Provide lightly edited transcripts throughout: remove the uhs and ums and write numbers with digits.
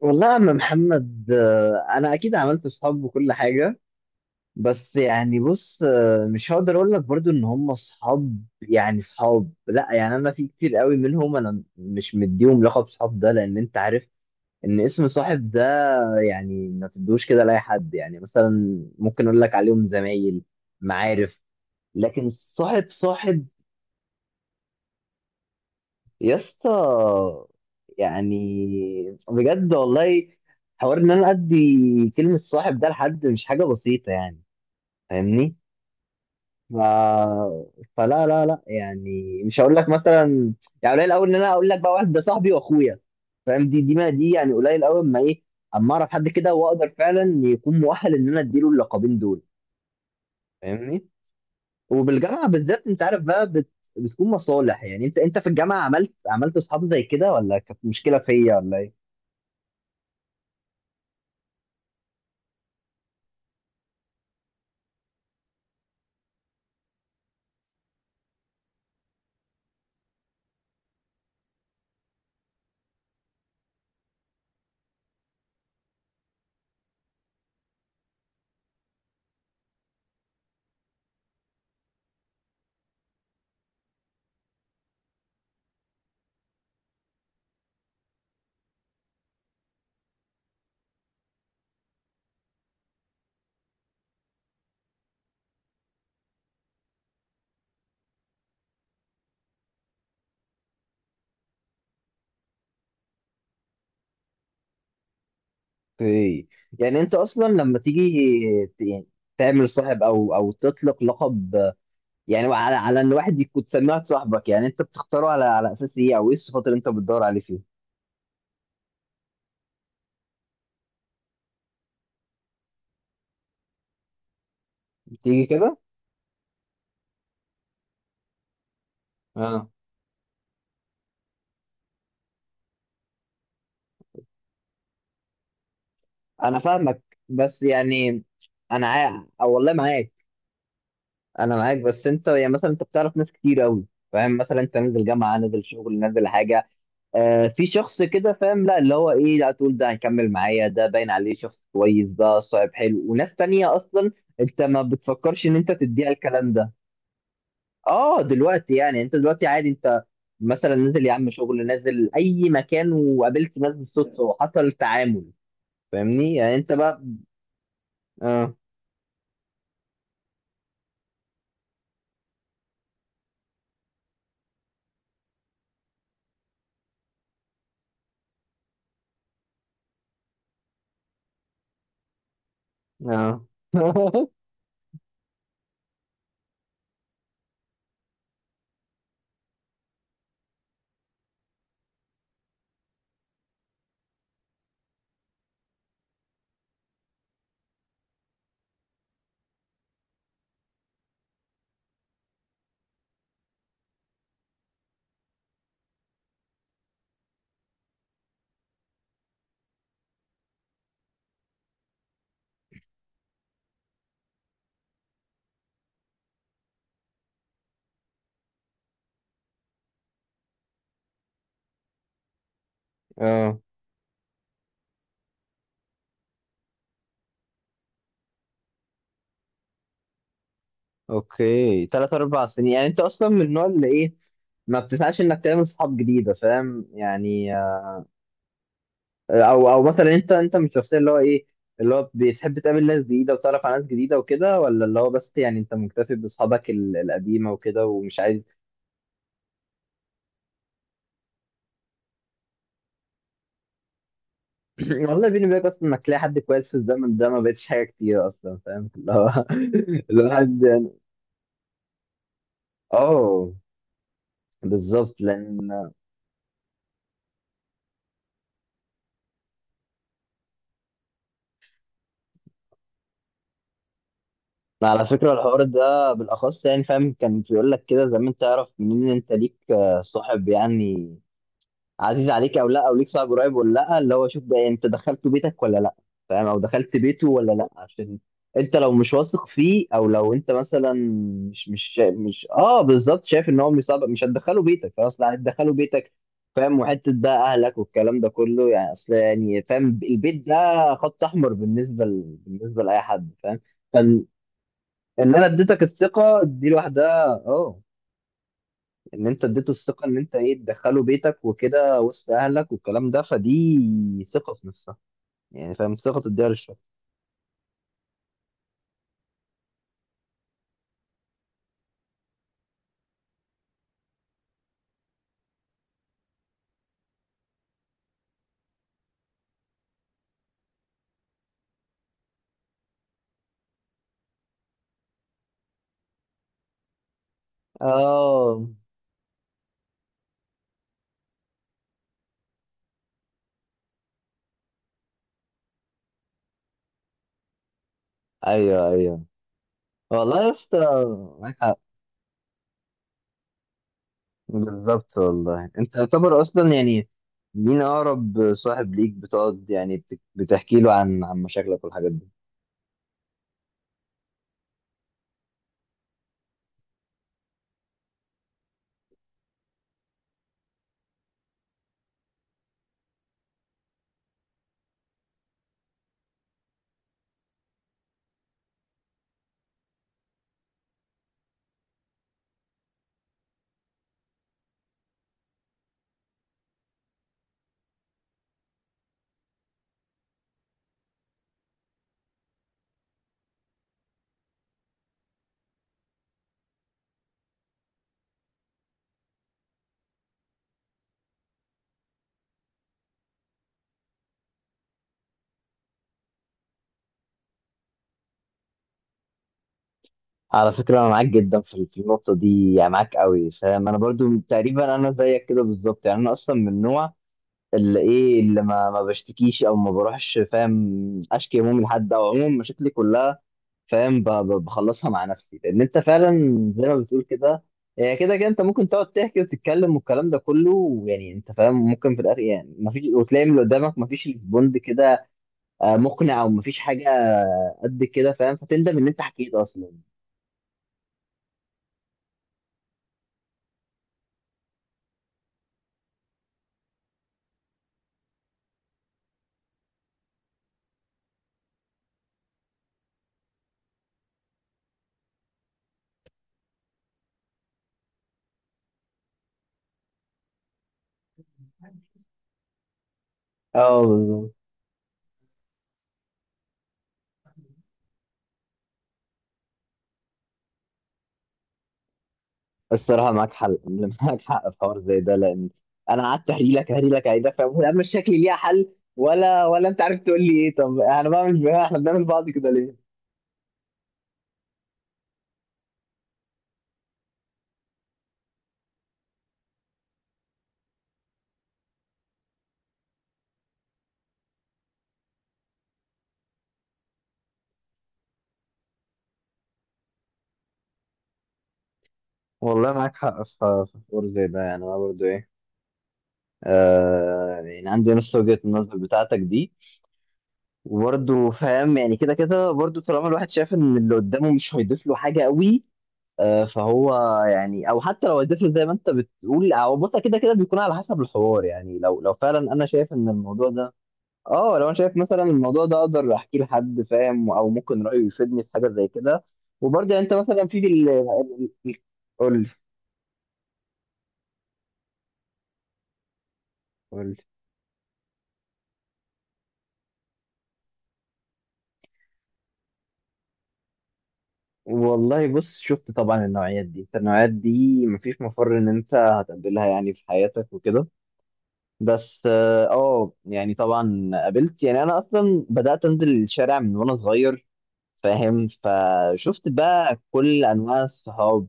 والله يا عم محمد، انا اكيد عملت اصحاب وكل حاجه. بس يعني بص، مش هقدر اقول لك برضو ان هم اصحاب، يعني اصحاب. لا يعني انا في كتير قوي منهم، انا مش مديهم لقب صحاب ده، لان انت عارف ان اسم صاحب ده يعني ما تدوش كده لاي حد. يعني مثلا ممكن اقول لك عليهم زمايل، معارف، لكن صاحب صاحب يا اسطى. يعني بجد والله، حوار ان انا ادي كلمة صاحب ده لحد مش حاجة بسيطة يعني. فاهمني؟ ف... فلا لا لا، يعني مش هقول لك مثلا. يعني قليل قوي ان انا اقول لك بقى واحد ده صاحبي واخويا، فاهم. دي ما دي، يعني قليل قوي. اما اعرف حد كده واقدر فعلا يكون مؤهل ان انا اديله اللقبين دول، فاهمني؟ وبالجامعة بالذات انت عارف بقى، بتكون مصالح. يعني انت في الجامعة عملت اصحاب زي كده، ولا كانت مشكلة فيا ولا ايه؟ اوكي. يعني انت اصلا لما تيجي، يعني تعمل صاحب، او تطلق لقب يعني على ان واحد يكون تسميه واحد صاحبك. يعني انت بتختاره على اساس ايه؟ او ايه الصفات اللي انت بتدور عليه فيه؟ تيجي كده. اه، انا فاهمك. بس يعني انا او والله معاك. انا معاك، بس انت يعني مثلا انت بتعرف ناس كتير قوي، فاهم. مثلا انت نازل جامعه، نازل شغل، نازل حاجه، آه في شخص كده، فاهم، لا اللي هو ايه، لا تقول ده هيكمل معايا، ده باين عليه شخص كويس، ده صاحب حلو. وناس تانية اصلا انت ما بتفكرش ان انت تديها الكلام ده. اه دلوقتي يعني، انت دلوقتي عادي. انت مثلا نازل يا عم شغل، نازل اي مكان، وقابلت ناس بالصدفة، وحصل تعامل، فاهمني؟ يعني انت بقى. اه. اه. اه. اوكي، 3 4 سنين. يعني انت اصلا من النوع اللي ايه، ما بتسعاش انك تعمل صحاب جديده، فاهم يعني؟ او مثلا انت من الشخصيه اللي هو ايه، اللي هو بتحب تقابل ناس جديده وتعرف على ناس جديده وكده، ولا اللي هو بس يعني انت مكتفي باصحابك القديمه وكده ومش عايز. والله بيني وبينك، اصلا انك تلاقي حد كويس في الزمن ده ما بقتش حاجه كتير اصلا، فاهم اللي هو الواحد يعني. اه بالظبط، لان على فكره الحوار ده بالاخص يعني، فاهم، كان بيقول لك كده زمان تعرف منين إن انت ليك صاحب يعني عزيز عليك او لا، او ليك صاحب قريب ولا لا. اللي هو شوف، ده انت دخلته بيتك ولا لا؟ فاهم، او دخلت بيته ولا لا؟ عشان انت لو مش واثق فيه، او لو انت مثلا مش مش بالظبط شايف ان هو مش صعب، مش هتدخله بيتك خلاص. لا هتدخله بيتك فاهم، وحته ده اهلك والكلام ده كله، يعني اصل يعني فاهم، البيت ده خط احمر بالنسبه لاي حد، فاهم. فان ان انا اديتك الثقه دي لوحدها، اه، ان انت اديته الثقه ان انت ايه، تدخله بيتك وكده وسط اهلك والكلام ده، فدي ثقه في نفسها يعني، فاهم، ثقه تديها للشخص. اه، ايوه ايوه والله يا اسطى، معاك حق. بالظبط والله، انت يعتبر اصلا يعني مين اقرب صاحب ليك بتقعد يعني بتحكي له عن مشاكلك والحاجات دي؟ على فكره انا معاك جدا في النقطه دي، يعني معاك قوي فاهم. انا برضو تقريبا انا زيك كده بالظبط. يعني انا اصلا من نوع اللي ايه، اللي ما بشتكيش او ما بروحش فاهم، اشكي همومي لحد، او عموما مشاكلي كلها فاهم. بخلصها مع نفسي، لان انت فعلا زي ما بتقول كده، هي كده كده انت ممكن تقعد تحكي وتتكلم والكلام ده كله، ويعني انت فاهم ممكن في الاخر يعني ما فيش، وتلاقي من اللي قدامك ما فيش ريسبوند كده مقنع، او ما فيش حاجه قد كده فاهم، فتندم ان انت حكيت اصلا. اه بالظبط. الصراحة معاك حل، معاك حق في حوار زي ده، لأن أنا قعدت أهري لك أهري لك أهري لك فاهم، أنا مش شكلي ليها حل. ولا أنت عارف تقول لي إيه. طب أنا بعمل، إحنا بنعمل بعض كده ليه؟ والله معاك حق في حوار زي ده، يعني أنا برضه إيه، آه، يعني عندي نفس وجهة النظر بتاعتك دي. وبرضه فاهم يعني كده كده، برضه طالما الواحد شايف إن اللي قدامه مش هيضيف له حاجة قوي، آه فهو يعني، او حتى لو هيضيف له زي ما انت بتقول، او بص كده كده بيكون على حسب الحوار. يعني لو فعلا انا شايف ان الموضوع ده، اه، لو انا شايف مثلا الموضوع ده اقدر احكيه لحد فاهم، او ممكن رايه يفيدني في حاجه زي كده. وبرضه يعني انت مثلا في قول لي. قول لي. والله بص، شفت طبعا النوعيات دي. أنت النوعيات دي مفيش مفر ان انت هتقابلها يعني في حياتك وكده. بس اه، يعني طبعا قابلت. يعني انا اصلا بدات انزل الشارع من وانا صغير فاهم، فشفت بقى كل انواع الصحاب،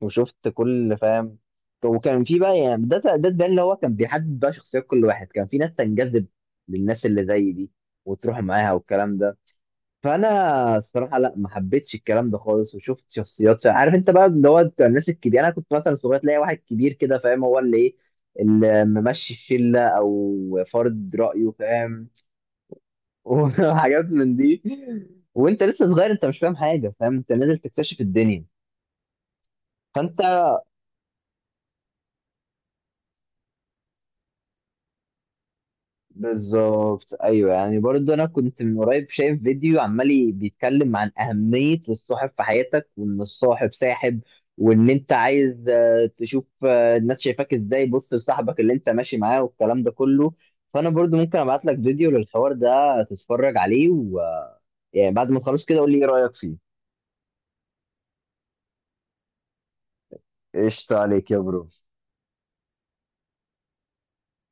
وشفت كل فاهم. وكان في بقى يعني، ده اللي هو كان بيحدد بقى شخصيات كل واحد، كان في ناس تنجذب للناس اللي زي دي وتروح معاها والكلام ده. فانا الصراحه لا، ما حبيتش الكلام ده خالص، وشفت شخصيات. عارف انت بقى اللي هو بتاع الناس الكبيره، انا كنت مثلا صغير تلاقي واحد كبير كده فاهم هو اللي ايه، اللي ممشي الشله او فرض رايه، فاهم. وحاجات من دي. وانت لسه صغير انت مش فاهم حاجه، فاهم انت نازل تكتشف الدنيا، فانت. بالظبط ايوه، يعني برضه انا كنت من قريب شايف فيديو عمال بيتكلم عن اهميه الصاحب في حياتك، وان الصاحب ساحب، وان انت عايز تشوف الناس شايفاك ازاي، بص لصاحبك اللي انت ماشي معاه والكلام ده كله. فانا برضه ممكن ابعت لك فيديو للحوار ده تتفرج عليه، يعني بعد ما تخلص كده قول لي ايه رايك فيه. قشطة عليك يا برو.